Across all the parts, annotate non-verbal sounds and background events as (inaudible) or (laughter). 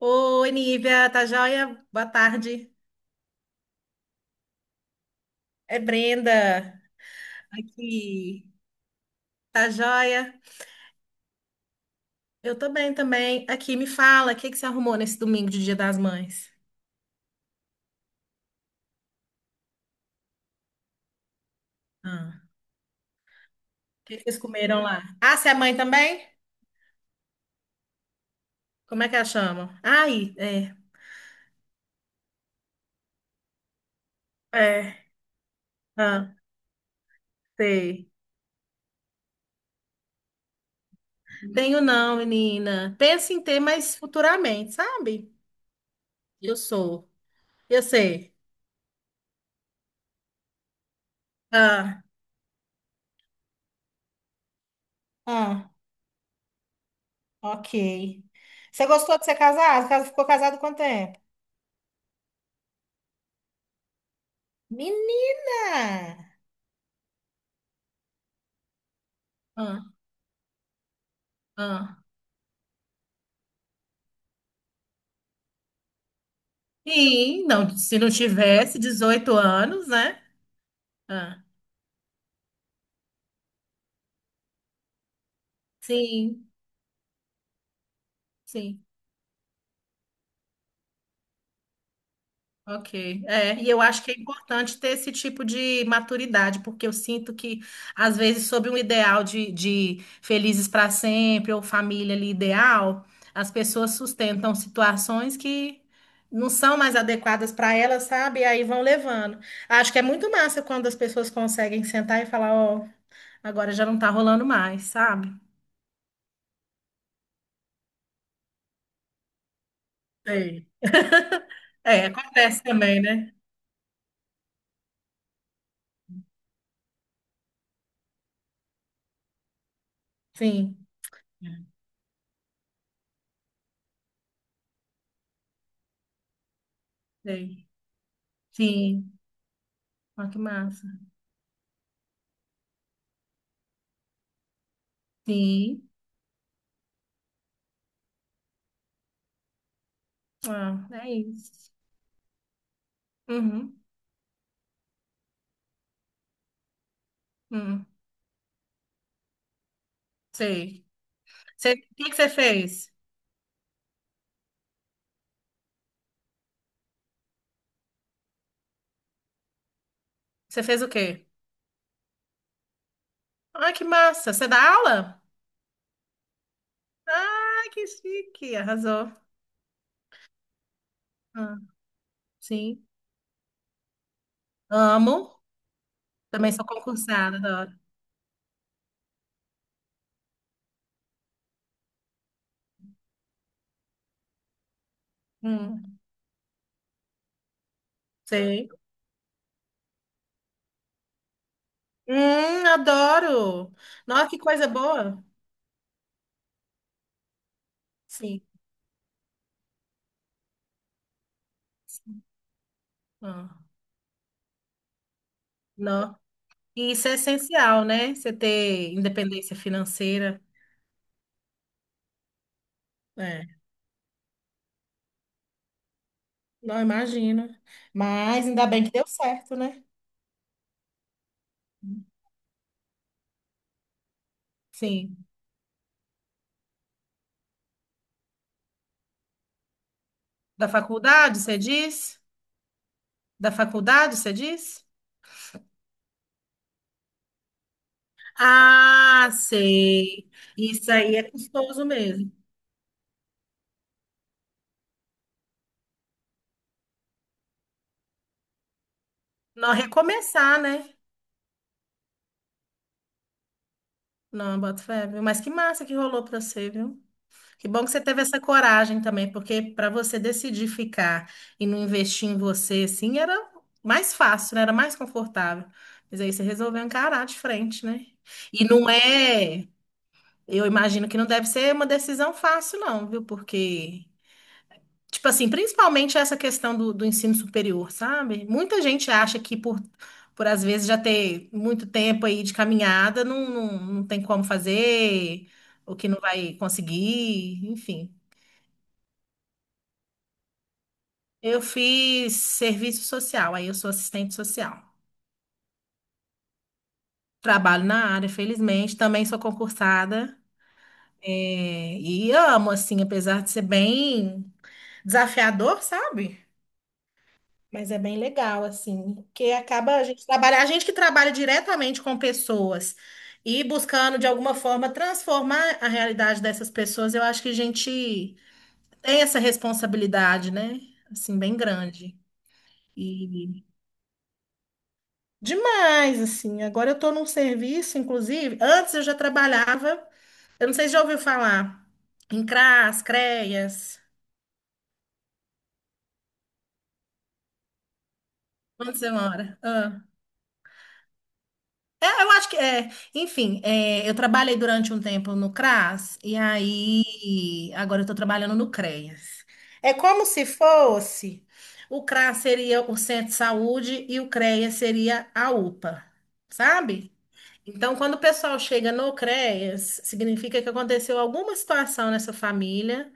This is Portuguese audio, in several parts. Oi, Nívia, tá joia? Boa tarde. É Brenda aqui. Tá joia? Eu tô bem também. Aqui, me fala, o que que você arrumou nesse domingo de Dia das Mães? Ah, o que que vocês comeram lá? Ah, você é mãe também? Como é que ela chama? Ai, é. É. Ah, sei. Tenho não, menina. Penso em ter, mas futuramente, sabe? Eu sou. Eu sei. Ah, ah, ok. Você gostou de ser casado? Ficou casado quanto tempo? Menina! Ah, ah. Sim, não, se não tivesse 18 anos, né? Ah, sim, sim, ok. É, e eu acho que é importante ter esse tipo de maturidade, porque eu sinto que, às vezes, sob um ideal de felizes para sempre ou família ali ideal, as pessoas sustentam situações que não são mais adequadas para elas, sabe? E aí vão levando. Acho que é muito massa quando as pessoas conseguem sentar e falar, ó. Agora já não tá rolando mais, sabe? Sei. É, acontece também, né? Sim, sei. Sim. Olha que massa. Sim. Ah, é isso. Uhum. Uhum. Sei. Você- o que que você fez? Você fez o quê? Ah, que massa. Você dá aula? Ah, que chique. Arrasou. Ah, sim. Amo. Também sou concursada, adoro. Hum, sei. Adoro. Nossa, que coisa boa. Sim. Ah, nó. E isso é essencial, né? Você ter independência financeira. É, não imagino. Mas ainda bem que deu certo, né? Sim. Da faculdade, você diz? Da faculdade, você diz? Ah, sei. Isso aí é custoso mesmo. Não recomeçar, né? Não, boto fé, viu? Mas que massa que rolou pra você, viu? Que bom que você teve essa coragem também, porque para você decidir ficar e não investir em você, assim, era mais fácil, né? Era mais confortável. Mas aí você resolveu encarar de frente, né? E não é, eu imagino que não deve ser uma decisão fácil, não, viu? Porque, tipo assim, principalmente essa questão do, do ensino superior, sabe? Muita gente acha que por às vezes já ter muito tempo aí de caminhada, não, não, não tem como fazer, ou que não vai conseguir, enfim. Eu fiz serviço social, aí eu sou assistente social. Trabalho na área, felizmente, também sou concursada, é, e amo, assim, apesar de ser bem desafiador, sabe? Mas é bem legal, assim, porque acaba a gente trabalhar, a gente que trabalha diretamente com pessoas e buscando, de alguma forma, transformar a realidade dessas pessoas, eu acho que a gente tem essa responsabilidade, né? Assim, bem grande. Demais, assim. Agora eu estou num serviço, inclusive. Antes eu já trabalhava, eu não sei se já ouviu falar, em CRAS, CREAS. Onde você mora? Ah. É, eu acho que é. Enfim, é, eu trabalhei durante um tempo no CRAS e aí agora eu estou trabalhando no CREAS. É como se fosse o CRAS seria o centro de saúde e o CREAS seria a UPA, sabe? Então, quando o pessoal chega no CREAS, significa que aconteceu alguma situação nessa família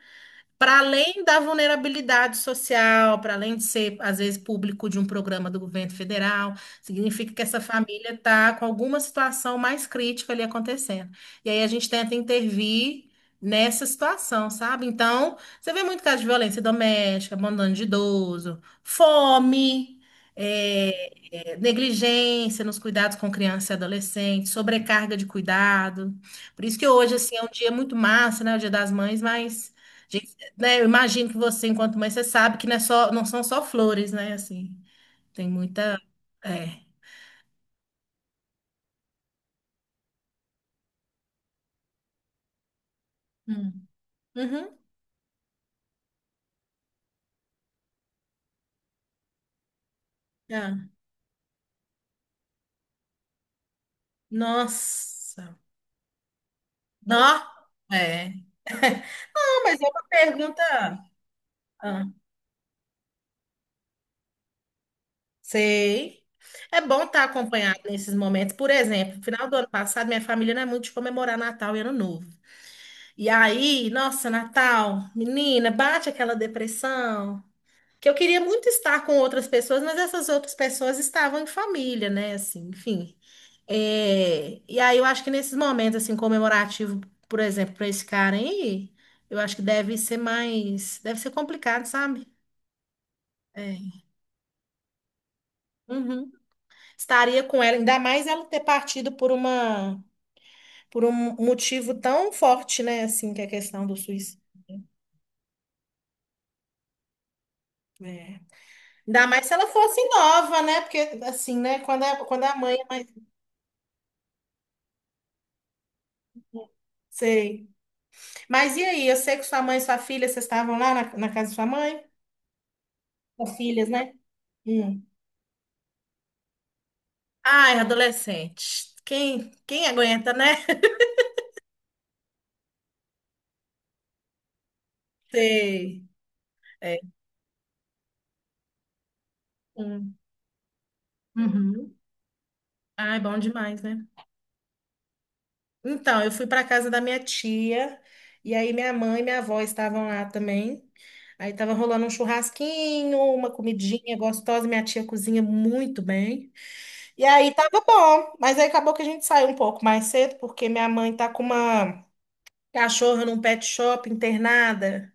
para além da vulnerabilidade social, para além de ser, às vezes, público de um programa do governo federal, significa que essa família está com alguma situação mais crítica ali acontecendo. E aí a gente tenta intervir nessa situação, sabe? Então, você vê muito caso de violência doméstica, abandono de idoso, fome. É, é, negligência nos cuidados com criança e adolescente, sobrecarga de cuidado. Por isso que hoje, assim, é um dia muito massa, né? O Dia das Mães, mas né, eu imagino que você, enquanto mãe, você sabe que não é só, não são só flores, né? Assim, tem muita. É. Hum. Uhum. Ah, nossa. Nó. É. Não, mas é uma pergunta. Ah, sei. É bom estar acompanhado nesses momentos. Por exemplo, no final do ano passado, minha família não é muito de comemorar Natal e Ano Novo. E aí, nossa, Natal, menina, bate aquela depressão. Que eu queria muito estar com outras pessoas, mas essas outras pessoas estavam em família, né? Assim, enfim. É, e aí eu acho que nesses momentos assim comemorativo, por exemplo, para esse cara aí, eu acho que deve ser mais, deve ser complicado, sabe? É. Uhum. Estaria com ela, ainda mais ela ter partido por uma, por um motivo tão forte, né? Assim, que é a questão do suicídio. É. Ainda mais se ela fosse nova, né? Porque assim, né? Quando a, quando é a mãe é mais, sei. Mas e aí? Eu sei que sua mãe e sua filha, vocês estavam lá na, na casa de sua mãe? Suas filhas, né? Hum. Ai, adolescente. Quem, quem aguenta, né? (laughs) Sei. É. Hum. Uhum. Ai, bom demais, né? Então, eu fui para casa da minha tia, e aí minha mãe e minha avó estavam lá também. Aí tava rolando um churrasquinho, uma comidinha gostosa, minha tia cozinha muito bem. E aí tava bom, mas aí acabou que a gente saiu um pouco mais cedo, porque minha mãe tá com uma cachorro num pet shop, internada.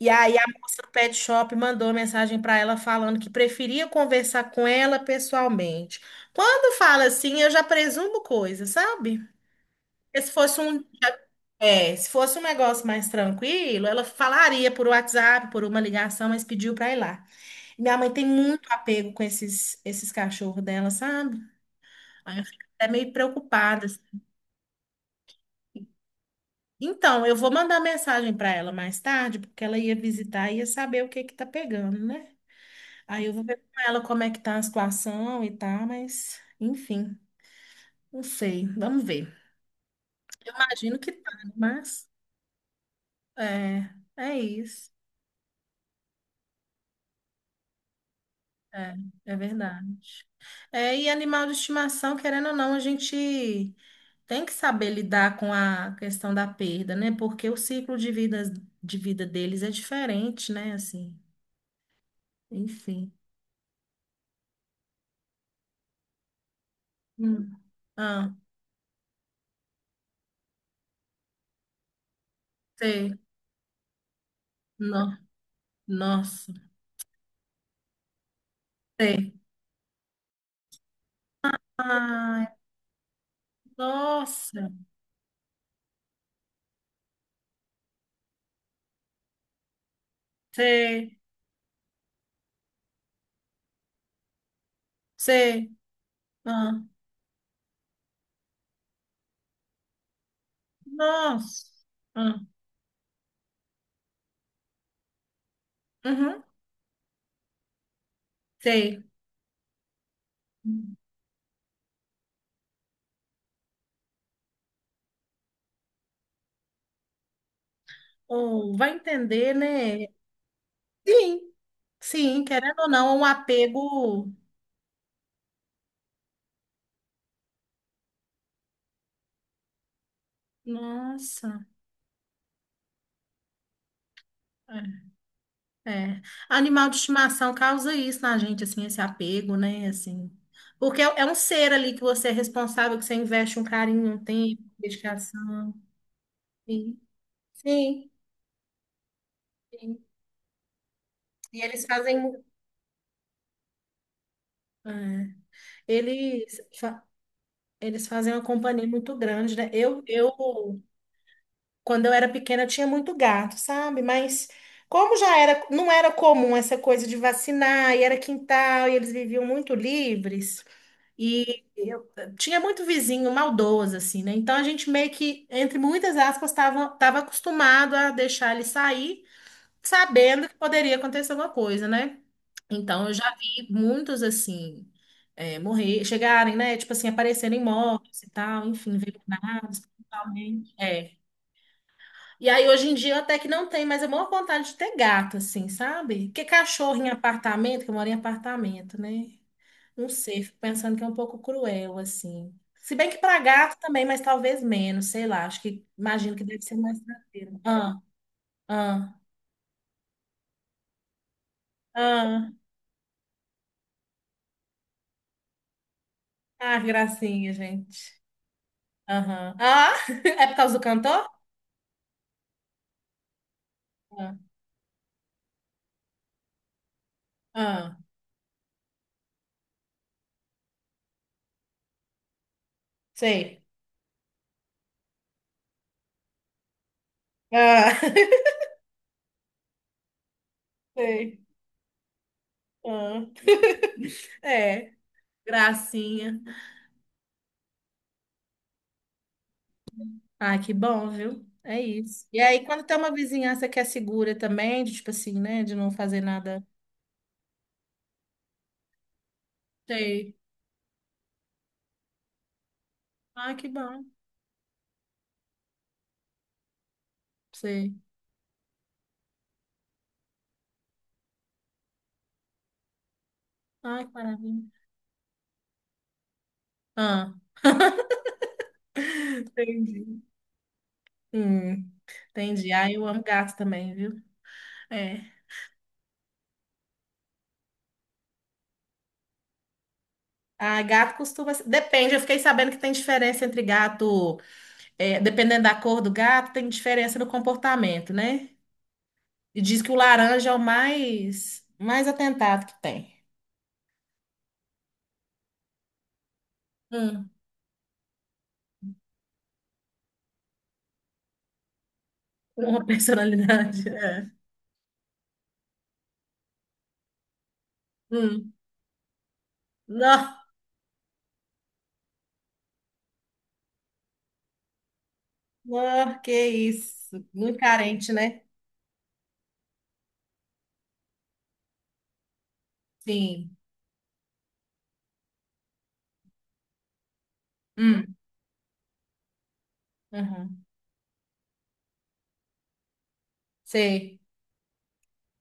E aí a moça do pet shop mandou mensagem para ela falando que preferia conversar com ela pessoalmente. Quando fala assim, eu já presumo coisa, sabe? Porque se fosse um, é, se fosse um negócio mais tranquilo, ela falaria por WhatsApp, por uma ligação, mas pediu para ir lá. Minha mãe tem muito apego com esses, esses cachorros dela, sabe? Aí eu fico até meio preocupada, então, eu vou mandar mensagem para ela mais tarde, porque ela ia visitar e ia saber o que que tá pegando, né? Aí eu vou ver com ela como é que tá a situação e tal, mas enfim, não sei, vamos ver. Imagino que tá, né? Mas é, é isso. É, é verdade. É, e animal de estimação, querendo ou não, a gente tem que saber lidar com a questão da perda, né? Porque o ciclo de vida deles é diferente, né? Assim, enfim. Hum. Ah. Sei. No, nossa. Sei. Ai, nossa. Sei. Sei. Ah, nossa. Ah, uhum. Sei. Ou vai entender, né? Sim. Sim, querendo ou não, é um apego. Nossa. É. É. Animal de estimação causa isso na gente, assim, esse apego, né? Assim. Porque é é um ser ali que você é responsável, que você investe um carinho, um tempo, dedicação. Sim. Sim. Sim. E eles fazem. É. Eles, fa- eles fazem uma companhia muito grande, né? Eu quando eu era pequena, eu tinha muito gato, sabe? Mas como já era, não era comum essa coisa de vacinar, e era quintal, e eles viviam muito livres, e eu tinha muito vizinho maldoso, assim, né? Então a gente meio que, entre muitas aspas, estava tava acostumado a deixar ele sair, sabendo que poderia acontecer alguma coisa, né? Então, eu já vi muitos, assim, é, morrer, chegarem, né? Tipo assim, aparecerem mortos e tal, enfim, veiculados, principalmente. É. E aí, hoje em dia, até que não tem, mas é maior vontade de ter gato, assim, sabe? Porque cachorro em apartamento, que eu moro em apartamento, né? Não sei, fico pensando que é um pouco cruel, assim. Se bem que para gato também, mas talvez menos, sei lá. Acho que, imagino que deve ser mais tranquilo. Ah, ah, ah. Ah, que gracinha, gente. Aham. Ah, (laughs) é por causa do cantor? Ah, ah, sei. Ah, (laughs) sei. Ah, é, gracinha. Ah, que bom, viu? É isso. E aí, quando tem uma vizinhança que é segura também, de tipo assim, né? De não fazer nada. Sei. Ah, que bom. Sei. Ah, que maravilha. Ah, entendi. Hum, entendi. Ah, eu amo gato também, viu? É. Ah, gato costuma. Depende, eu fiquei sabendo que tem diferença entre gato. É, dependendo da cor do gato, tem diferença no comportamento, né? E diz que o laranja é o mais, mais atentado que tem. Hum, Uma personalidade. É. Hum. Não, não, que isso. Muito carente, né? Sim. Hum, uhum. Sei.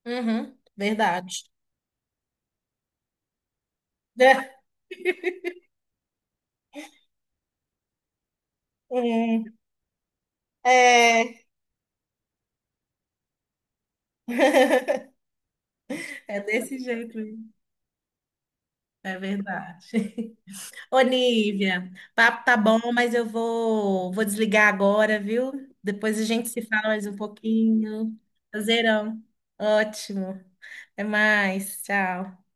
Uhum, verdade. (laughs) É, hum, é, é desse jeito aí. É verdade. Ô, Nívia, papo tá bom, mas eu vou desligar agora, viu? Depois a gente se fala mais um pouquinho. Prazerão. Ótimo. Até mais, tchau.